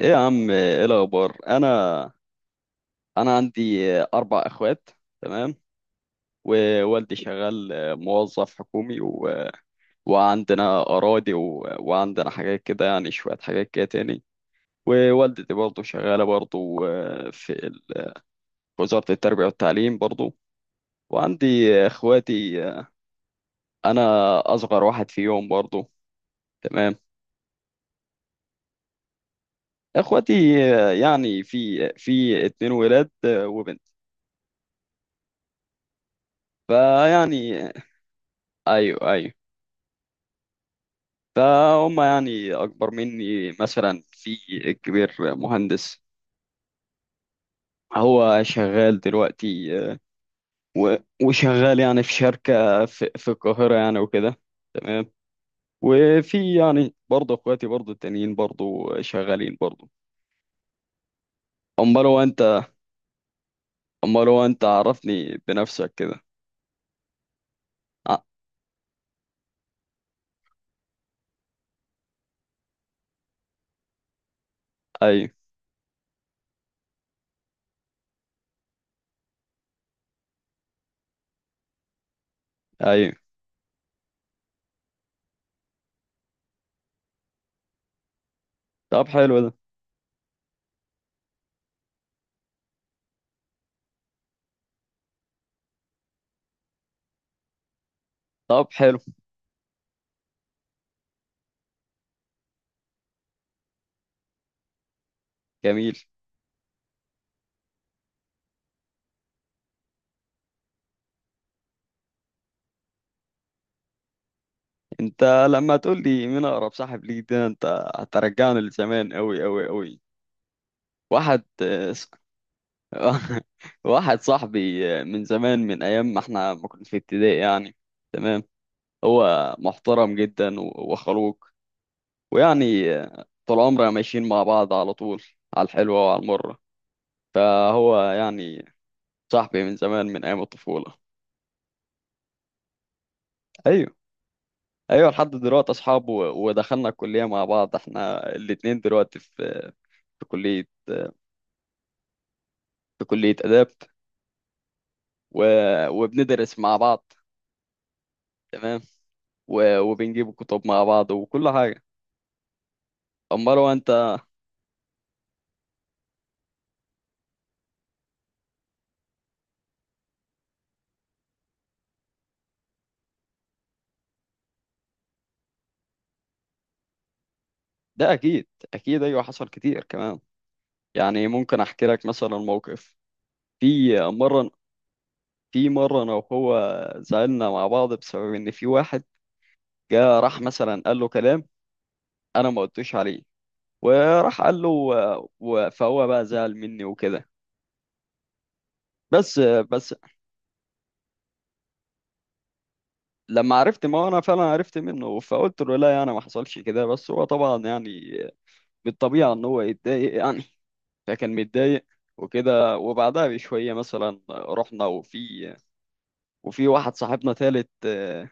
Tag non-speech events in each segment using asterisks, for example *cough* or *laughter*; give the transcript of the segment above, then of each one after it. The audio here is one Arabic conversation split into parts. ايه يا عم، ايه الاخبار؟ انا عندي اربع اخوات. تمام. ووالدي شغال موظف حكومي، وعندنا اراضي وعندنا حاجات كده، يعني شويه حاجات كده تاني. ووالدتي برضه شغاله برضه في في وزاره التربيه والتعليم برضه. وعندي اخواتي، انا اصغر واحد فيهم برضه. تمام. اخواتي يعني في اتنين ولاد وبنت، فيعني. ايوه، ايوه. فهم يعني أكبر مني، مثلا في الكبير مهندس، هو شغال دلوقتي آه، و- وشغال يعني في شركة في القاهرة يعني وكده. تمام. وفي يعني برضه اخواتي برضه التانيين برضه شغالين برضه. امال هو انت؟ امال هو انت، عرفني بنفسك كده. ع- ايوه، ايوه. طب حلو ده. طب حلو. جميل. انت لما تقول لي مين اقرب صاحب ليك، ده انت هترجعني لزمان قوي قوي قوي. واحد. *laughs* واحد صاحبي من زمان، من ايام ما احنا ما كنا في ابتدائي يعني. تمام. هو محترم جدا وخلوق، ويعني طول عمرنا ماشيين مع بعض على طول، على الحلوة وعلى المرة. فهو يعني صاحبي من زمان، من ايام الطفولة. ايوه، ايوه، لحد دلوقتي اصحاب، ودخلنا الكلية مع بعض، احنا الاتنين دلوقتي في في كلية في كلية آداب، و... وبندرس مع بعض. تمام. وبنجيب كتب مع بعض وكل حاجة. امال هو انت؟ ده اكيد، اكيد، ايوه، حصل كتير كمان. يعني ممكن احكي لك مثلا موقف. في مره، في مره انا وهو زعلنا مع بعض بسبب ان في واحد جه راح مثلا قال له كلام انا ما قلتوش عليه، وراح قال له فهو بقى زعل مني وكده. بس بس لما عرفت، ما هو انا فعلا عرفت منه، فقلت له لا يعني ما حصلش كده. بس هو طبعا يعني بالطبيعه ان هو يتضايق يعني، فكان متضايق وكده. وبعدها بشويه مثلا رحنا وفي، وفي واحد صاحبنا تالت آه،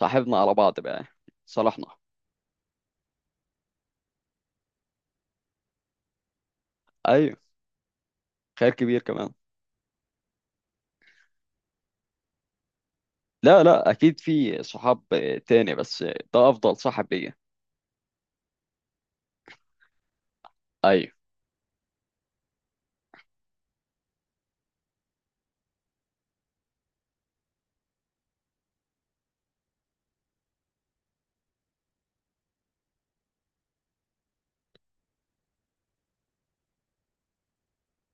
صاحبنا على بعض بقى، صالحنا. ايوه، خير كبير كمان. لا، لا، اكيد في صحاب آه، تاني، بس آه، ده افضل صاحب ليا. ايوه،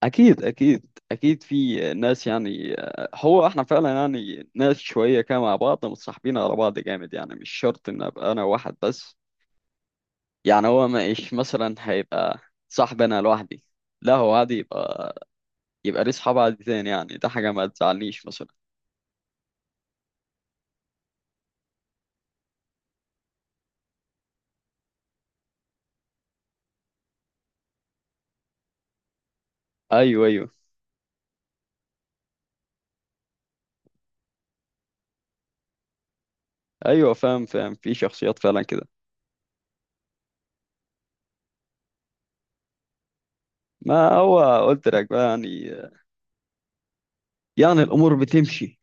اكيد، اكيد، اكيد، في آه، ناس يعني آه، هو احنا فعلا يعني ناس شويه كده مع بعض متصاحبين على بعض جامد. يعني مش شرط ان ابقى انا واحد بس يعني. هو مش مثلا هيبقى صاحب انا لوحدي، لا هو عادي يبقى، يبقى ليه صحاب عادي تاني يعني. ده حاجه ما تزعلنيش مثلا. ايوه، ايوه، ايوه، فاهم، فاهم، في شخصيات فعلا كده. ما هو قلت لك بقى يعني، يعني الامور بتمشي.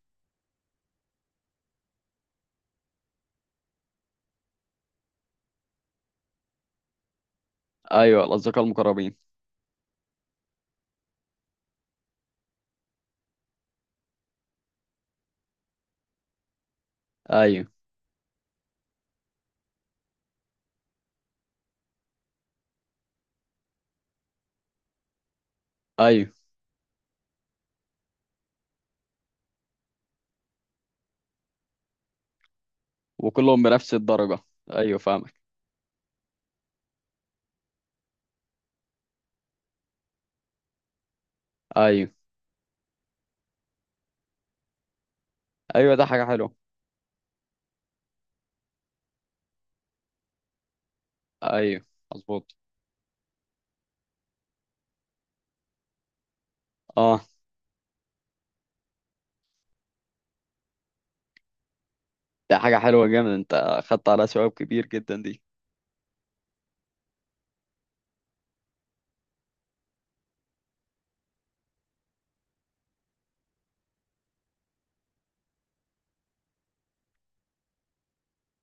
ايوه، الاصدقاء المقربين. ايوه، ايوه. وكلهم بنفس الدرجه. ايوه، فاهمك. ايوه، ايوه، ده حاجه حلوه. ايوه، مظبوط. اه، ده حاجه حلوه جامد، انت خدت على ثواب كبير جدا دي.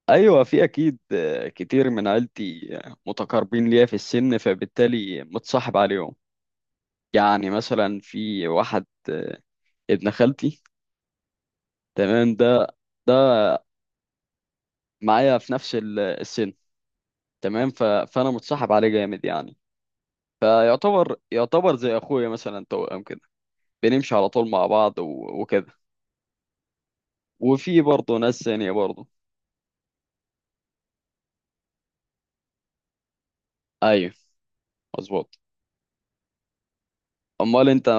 ايوه، في اكيد آه، كتير من عيلتي آه، متقاربين ليا في السن، فبالتالي متصاحب عليهم. يعني مثلا في واحد آه، ابن خالتي، تمام، ده، ده معايا في نفس السن. تمام. ف... فانا متصاحب عليه جامد يعني. فيعتبر، يعتبر زي اخويا مثلا، توأم كده، بنمشي على طول مع بعض وكده. وفي برضه ناس ثانية برضه. ايوه، مظبوط. امال انت؟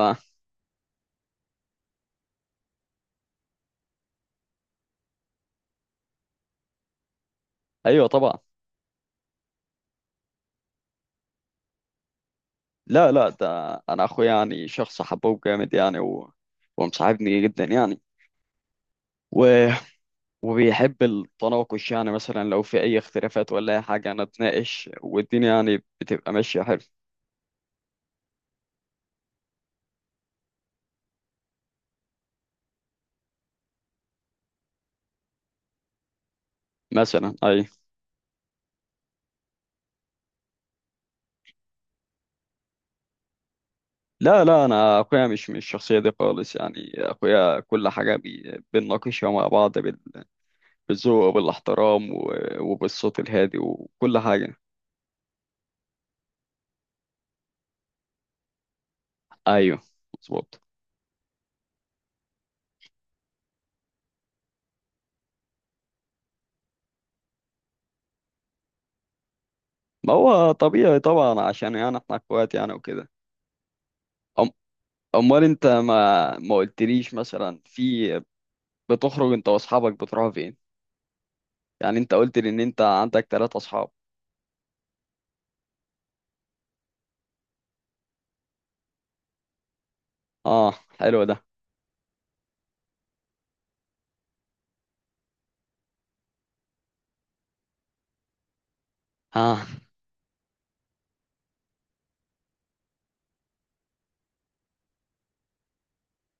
ايوه، طبعا. لا، لا، ده انا اخويا يعني شخص حبوب جامد يعني ومصاحبني جدا يعني، و... وبيحب التناقش. يعني مثلا لو في اي اختلافات ولا اي حاجة نتناقش، والدنيا يعني بتبقى ماشية حلو. مثلا ايوه. لا، لا، انا اخويا مش الشخصيه دي خالص يعني. اخويا كل حاجه بنناقشها مع بعض بالذوق وبالاحترام وبالصوت الهادي وكل حاجه. ايوه، مظبوط. ما هو طبيعي طبعا، عشان يعني احنا اخوات يعني وكده. أم، امال انت ما قلتليش مثلا في، بتخرج انت واصحابك بتروحوا فين؟ يعني انت قلت لي ان انت عندك ثلاثة اصحاب. اه، حلو ده. اه،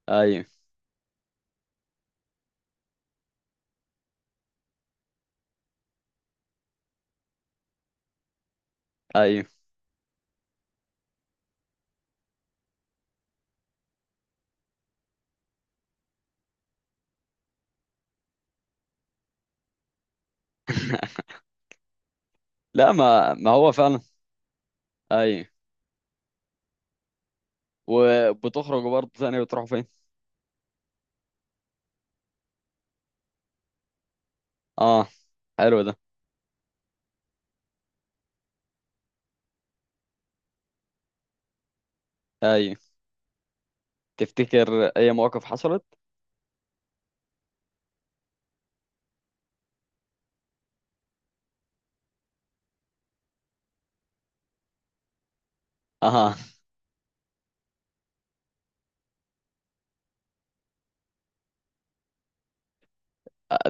ايوه، ايوه. *laughs* لا، ما ما هو فعلا. ايوه، وبتخرجوا برضه تاني بتروحوا فين؟ اه، حلو ده. ايوه، تفتكر اي مواقف حصلت؟ اها.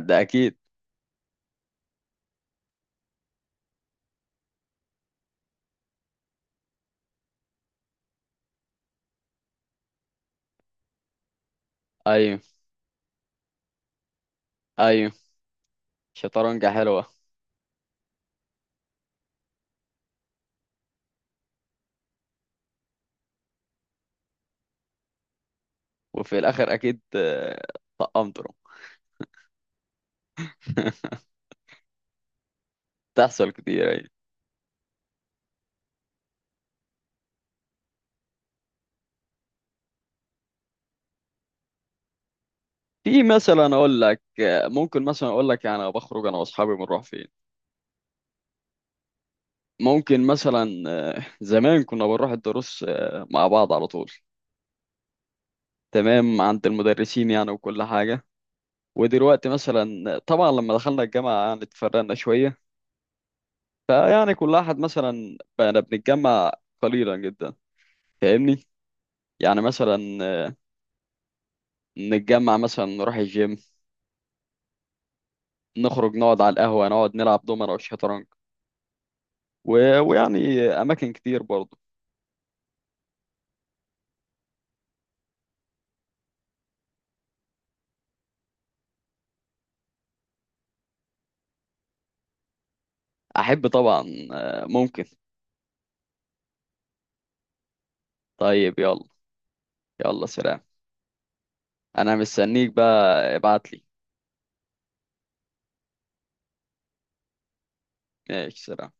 ده اكيد. ايوه، ايوه. شطرنجة حلوة. وفي الاخر اكيد آه، طقمتوا. *laughs* تحصل كتير، ايوه. في مثلا اقول لك آه، ممكن مثلا اقول لك يعني أنا بخرج انا واصحابي بنروح فين. ممكن مثلا آه، زمان كنا بنروح الدروس آه، مع بعض على طول. تمام، عند المدرسين يعني وكل حاجة. ودلوقتي مثلا طبعا لما دخلنا الجامعة يعني اتفرقنا شوية. فيعني كل واحد مثلا، بقينا بنتجمع قليلا جدا. فاهمني؟ يعني مثلا نتجمع، مثلا نروح الجيم، نخرج نقعد على القهوة، نقعد نلعب دومنة وشطرنج، و... ويعني أماكن كتير برضه. أحب طبعا آه، ممكن. طيب، يلا. يلا، سلام. أنا مستنيك بقى، ابعتلي. ماشي، سلام.